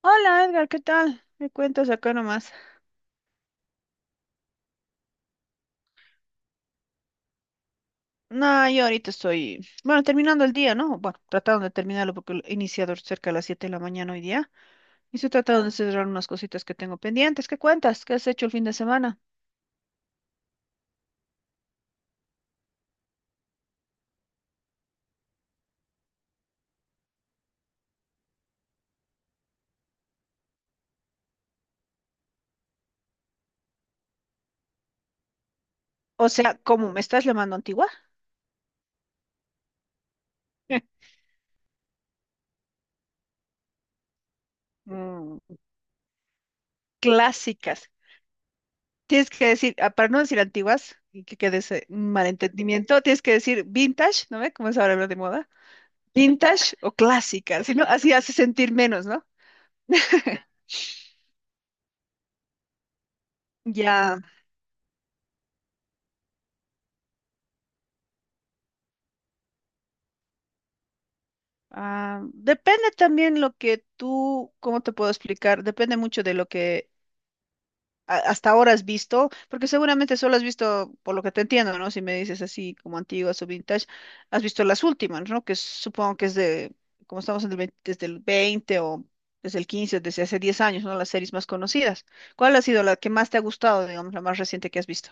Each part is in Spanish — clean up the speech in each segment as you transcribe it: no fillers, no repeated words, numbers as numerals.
Hola Edgar, ¿qué tal? Me cuentas acá nomás. No, yo ahorita estoy, bueno, terminando el día, ¿no? Bueno, tratando de terminarlo porque lo he iniciado cerca de las 7 de la mañana hoy día. Y estoy tratando de cerrar unas cositas que tengo pendientes. ¿Qué cuentas? ¿Qué has hecho el fin de semana? O sea, ¿cómo me estás llamando antigua? Mm, clásicas. Tienes que decir, ah, para no decir antiguas y que quede ese malentendimiento, tienes que decir vintage, ¿no ve? Como es ahora lo de moda. Vintage o clásica, si no, así hace sentir menos, ¿no? Ya. Ah, depende también lo que tú, ¿cómo te puedo explicar? Depende mucho de lo que hasta ahora has visto, porque seguramente solo has visto, por lo que te entiendo, ¿no? Si me dices así como antiguas o vintage, has visto las últimas, ¿no? Que supongo que es de, como estamos en el 20 desde el 20 o desde el 15, desde hace 10 años, ¿no? Las series más conocidas. ¿Cuál ha sido la que más te ha gustado, digamos, la más reciente que has visto?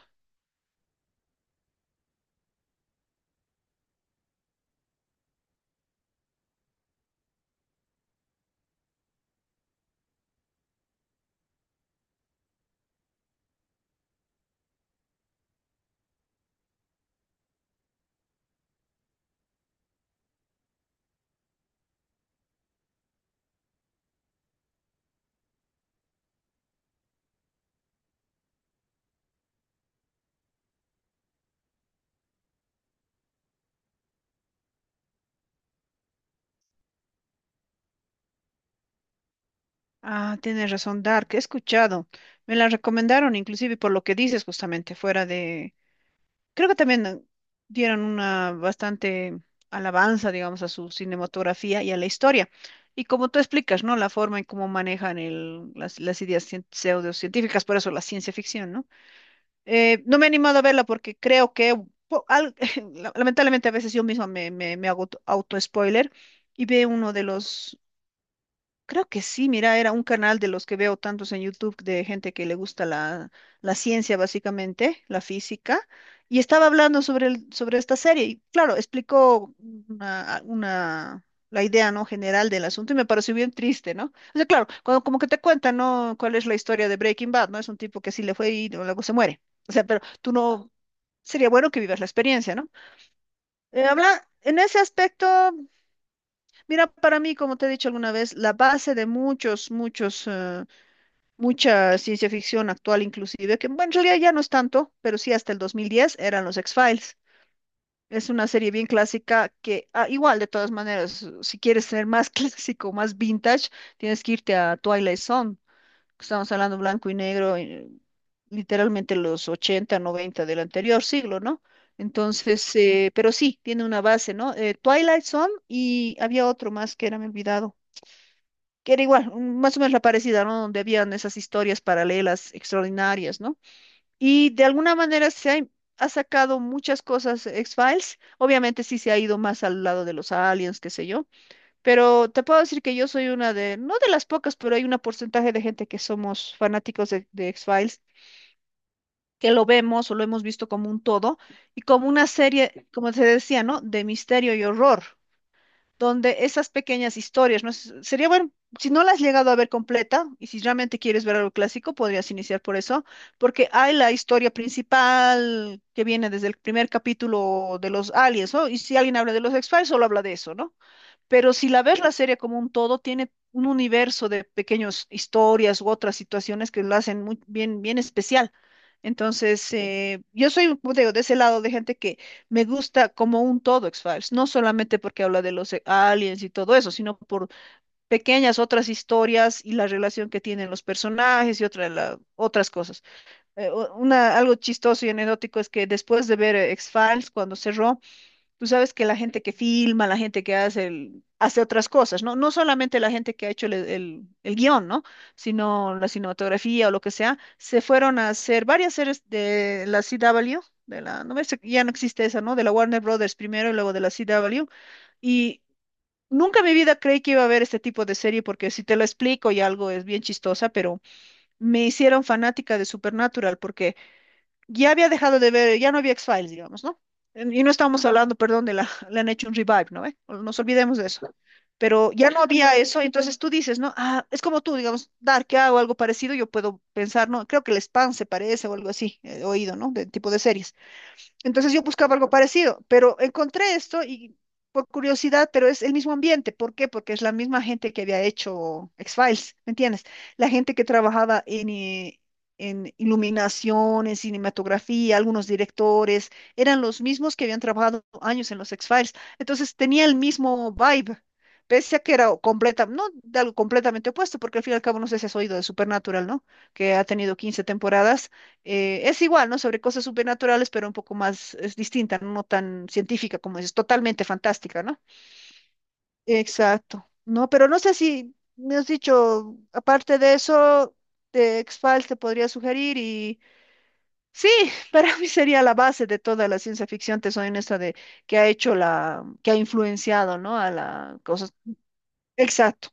Ah, tienes razón, Dark, he escuchado. Me la recomendaron, inclusive por lo que dices justamente, fuera de. Creo que también dieron una bastante alabanza, digamos, a su cinematografía y a la historia. Y como tú explicas, ¿no? La forma en cómo manejan las ideas pseudocientíficas, por eso la ciencia ficción, ¿no? No me he animado a verla porque creo que, po- al- lamentablemente a veces yo misma me hago auto-spoiler y veo uno de los. Creo que sí, mira, era un canal de los que veo tantos en YouTube de gente que le gusta la, la ciencia, básicamente, la física, y estaba hablando sobre, sobre esta serie, y claro, explicó una, una- la idea, ¿no? General del asunto, y me pareció bien triste, ¿no? O sea, claro, cuando, como que te cuentan, ¿no? cuál es la historia de Breaking Bad, ¿no? Es un tipo que sí le fue y luego se muere. O sea, pero tú no, sería bueno que vivas la experiencia, ¿no? Habla, en ese aspecto. Mira, para mí, como te he dicho alguna vez, la base de muchos, muchos, mucha ciencia ficción actual inclusive, que bueno, en realidad ya no es tanto, pero sí hasta el 2010 eran los X-Files. Es una serie bien clásica que, ah, igual, de todas maneras, si quieres ser más clásico, más vintage, tienes que irte a Twilight Zone, que estamos hablando blanco y negro, literalmente los 80, 90 del anterior siglo, ¿no? Entonces, pero sí, tiene una base, ¿no? Twilight Zone y había otro más que era, me he olvidado, que era igual, más o menos la parecida, ¿no? Donde habían esas historias paralelas extraordinarias, ¿no? Y de alguna manera se ha, ha sacado muchas cosas X-Files, obviamente sí se ha ido más al lado de los aliens, qué sé yo, pero te puedo decir que yo soy una de, no de las pocas, pero hay un porcentaje de gente que somos fanáticos de X-Files, que lo vemos o lo hemos visto como un todo y como una serie, como se decía, ¿no? De misterio y horror, donde esas pequeñas historias, ¿no? Sería bueno, si no las has llegado a ver completa, y si realmente quieres ver algo clásico, podrías iniciar por eso, porque hay la historia principal que viene desde el primer capítulo de los aliens, ¿no? Y si alguien habla de los X-Files, solo habla de eso, ¿no? Pero si la ves la serie como un todo, tiene un universo de pequeñas historias u otras situaciones que lo hacen muy bien, bien especial. Entonces, yo soy como te digo, de ese lado de gente que me gusta como un todo X-Files, no solamente porque habla de los aliens y todo eso, sino por pequeñas otras historias y la relación que tienen los personajes y otra, otras cosas. Una, algo chistoso y anecdótico es que después de ver X-Files, cuando cerró. Tú sabes que la gente que filma, la gente que hace, hace otras cosas, ¿no? No solamente la gente que ha hecho el guión, ¿no? Sino la cinematografía o lo que sea, se fueron a hacer varias series de la CW, de la, no me sé, ya no existe esa, ¿no? De la Warner Brothers primero y luego de la CW. Y nunca en mi vida creí que iba a haber este tipo de serie, porque si te lo explico y algo es bien chistosa, pero me hicieron fanática de Supernatural, porque ya había dejado de ver, ya no había X-Files, digamos, ¿no? Y no estábamos hablando, perdón, de la, le han hecho un revive, ¿no? ve? Nos olvidemos de eso. Pero ya no había eso, entonces tú dices, ¿no? Ah, es como tú, digamos, Dark, ¿qué hago? Algo parecido, yo puedo pensar, ¿no? Creo que el Spam se parece o algo así, he oído, ¿no? De tipo de series. Entonces yo buscaba algo parecido, pero encontré esto y por curiosidad, pero es el mismo ambiente. ¿Por qué? Porque es la misma gente que había hecho X-Files, ¿me entiendes? La gente que trabajaba en iluminación, en cinematografía, algunos directores, eran los mismos que habían trabajado años en los X-Files. Entonces tenía el mismo vibe. Pese a que era completa, no de algo completamente opuesto, porque al fin y al cabo no sé si has oído de Supernatural, ¿no? Que ha tenido 15 temporadas, es igual, ¿no? Sobre cosas supernaturales, pero un poco más, es distinta, no tan científica como es, totalmente fantástica, ¿no? Exacto. No, pero no sé si me has dicho, aparte de eso, de X-Files te podría sugerir y sí, para mí sería la base de toda la ciencia ficción, te soy honesta, de que ha hecho la, que ha influenciado, ¿no? A la cosa. Exacto.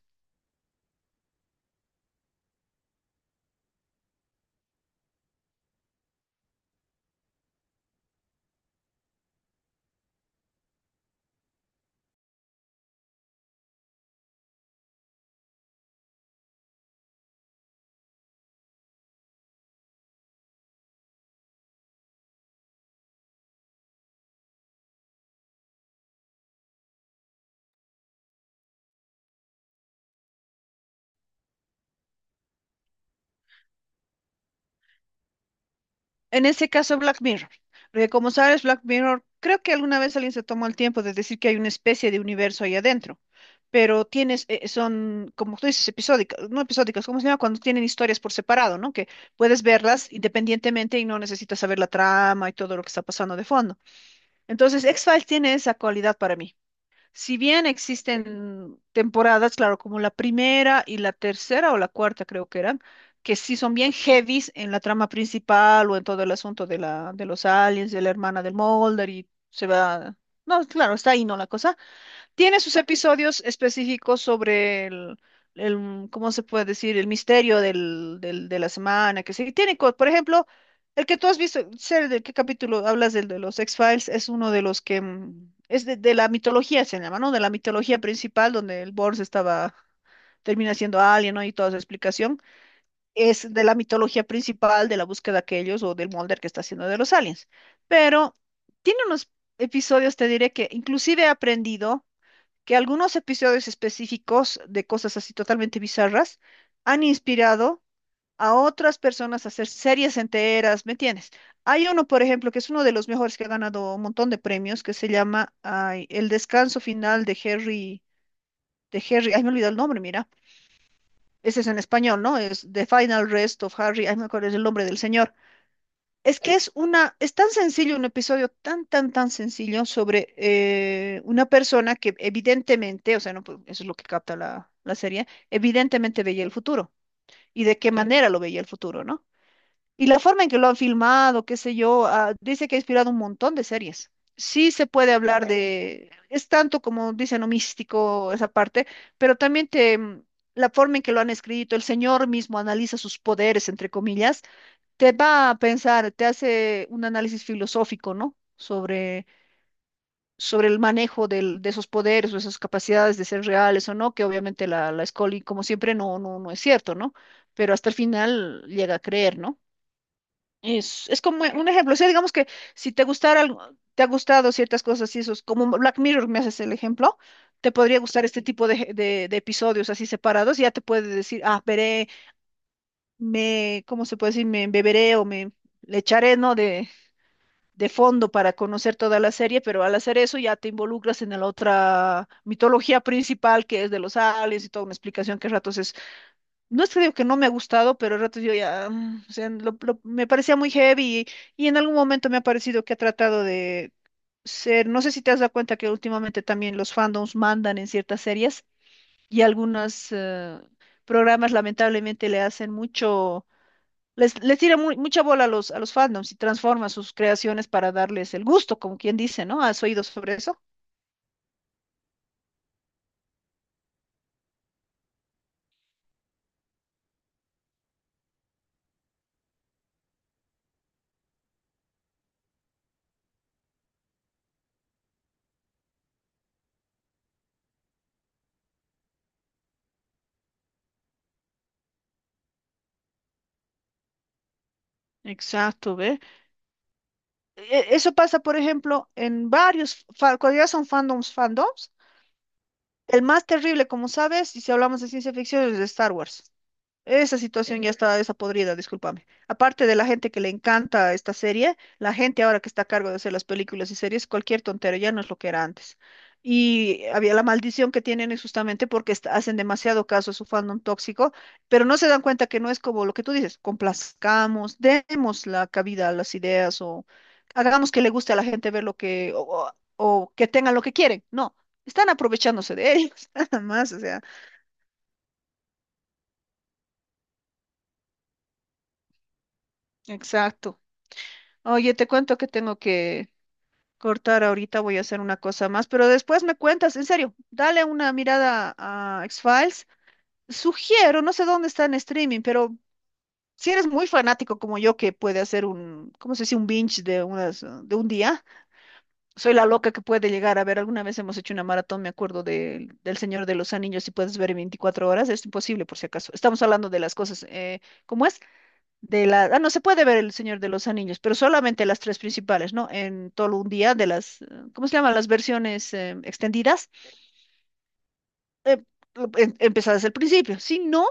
En ese caso, Black Mirror. Porque como sabes, Black Mirror, creo que alguna vez alguien se tomó el tiempo de decir que hay una especie de universo ahí adentro. Pero tienes, son, como tú dices, episódicas, no episódicas, ¿cómo se llama? Cuando tienen historias por separado, ¿no? Que puedes verlas independientemente y no necesitas saber la trama y todo lo que está pasando de fondo. Entonces, X-Files tiene esa cualidad para mí. Si bien existen temporadas, claro, como la primera y la tercera o la cuarta creo que eran, que sí son bien heavies en la trama principal o en todo el asunto de la, de los aliens, de la hermana del Mulder y se va... No, claro, está ahí, ¿no? La cosa. Tiene sus episodios específicos sobre ¿cómo se puede decir? El misterio del, de la semana, que sí. Tiene, por ejemplo, el que tú has visto, sé de qué capítulo hablas del de los X-Files, es uno de los que es de la mitología, se llama, ¿no? De la mitología principal, donde el Borns estaba, termina siendo alien, ¿no? Y toda su explicación. Es de la mitología principal de la búsqueda de ellos o del Mulder que está haciendo de los aliens. Pero tiene unos episodios, te diré que inclusive he aprendido que algunos episodios específicos de cosas así totalmente bizarras han inspirado a otras personas a hacer series enteras, ¿me entiendes? Hay uno, por ejemplo, que es uno de los mejores que ha ganado un montón de premios, que se llama ay, El descanso final de Harry, ay, me olvidó el nombre, mira. Ese es en español, ¿no? Es The Final Rest of Harry, ay, me acuerdo es el nombre del señor. Es que es una, es tan sencillo, un episodio tan, tan, tan sencillo sobre una persona que evidentemente, o sea, no, pues, eso es lo que capta la, la serie, evidentemente veía el futuro y de qué Claro. manera lo veía el futuro, ¿no? Y la forma en que lo han filmado, qué sé yo, ah, dice que ha inspirado un montón de series. Sí se puede hablar de, es tanto como dicen, ¿no? místico esa parte, pero también te, la forma en que lo han escrito, el señor mismo analiza sus poderes, entre comillas, te va a pensar, te hace un análisis filosófico, ¿no? Sobre, sobre el manejo de esos poderes o esas capacidades de ser reales o no, que obviamente la, la Scully, como siempre, no, no, no es cierto, ¿no? Pero hasta el final llega a creer, ¿no? Es como un ejemplo, o sea, digamos que si te gustara algo, te ha gustado ciertas cosas y esos, como Black Mirror, me haces el ejemplo, te podría gustar este tipo de episodios así separados, y ya te puede decir, ah, veré, me, ¿cómo se puede decir? Me beberé o me le echaré, ¿no? De fondo para conocer toda la serie, pero al hacer eso ya te involucras en la otra mitología principal que es de los aliens y toda una explicación que a ratos es, no es que digo que no me ha gustado, pero a ratos yo ya, o sea, me parecía muy heavy y en algún momento me ha parecido que ha tratado de ser, no sé si te has dado cuenta que últimamente también los fandoms mandan en ciertas series y algunos programas lamentablemente le hacen mucho les tira mucha bola a los fandoms y transforma sus creaciones para darles el gusto, como quien dice, ¿no? ¿Has oído sobre eso? Exacto, ¿ve? Eso pasa, por ejemplo, en varios, cuando ya son fandoms, fandoms, el más terrible, como sabes, y si hablamos de ciencia ficción, es de Star Wars. Esa situación ya está esa podrida, discúlpame. Aparte de la gente que le encanta esta serie, la gente ahora que está a cargo de hacer las películas y series, cualquier tontero, ya no es lo que era antes. Y había la maldición que tienen es justamente porque hacen demasiado caso a su fandom tóxico, pero no se dan cuenta que no es como lo que tú dices, complazcamos, demos la cabida a las ideas o hagamos que le guste a la gente ver lo que, o, o o que tengan lo que quieren. No, están aprovechándose de ellos, nada más, o sea, exacto. Oye, te cuento que tengo que cortar ahorita, voy a hacer una cosa más, pero después me cuentas, en serio, dale una mirada a X-Files. Sugiero, no sé dónde está en streaming, pero si eres muy fanático como yo que puede hacer un, ¿cómo se dice? Un binge de unas, de un día. Soy la loca que puede llegar a ver, alguna vez hemos hecho una maratón, me acuerdo de, del Señor de los Anillos, si puedes ver en 24 horas, es imposible por si acaso. Estamos hablando de las cosas, ¿cómo es? De la, ah, no se puede ver El Señor de los Anillos, pero solamente las tres principales, ¿no? En todo un día de las, ¿cómo se llaman? Las versiones extendidas, eh, empezar desde el principio. Si no,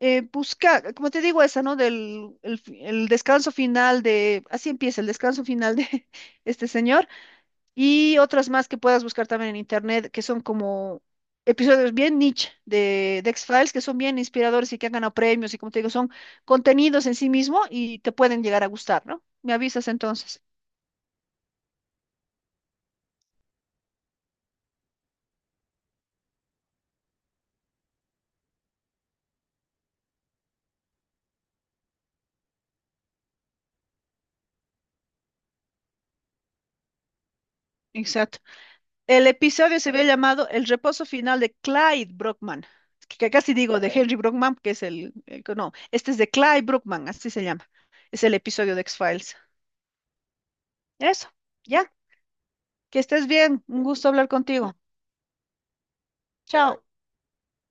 busca, como te digo, esa, ¿no? Del el, el descanso final de, así empieza el descanso final de este señor y otras más que puedas buscar también en internet, que son como episodios bien niche de X-Files, que son bien inspiradores y que han ganado premios, y como te digo, son contenidos en sí mismo y te pueden llegar a gustar, ¿no? Me avisas entonces. Exacto. El episodio se había llamado El reposo final de Clyde Brockman, que casi digo de Henry Brockman, que es el que no, este es de Clyde Brockman, así se llama. Es el episodio de X-Files. Eso, ya, que estés bien, un gusto hablar contigo. Chao.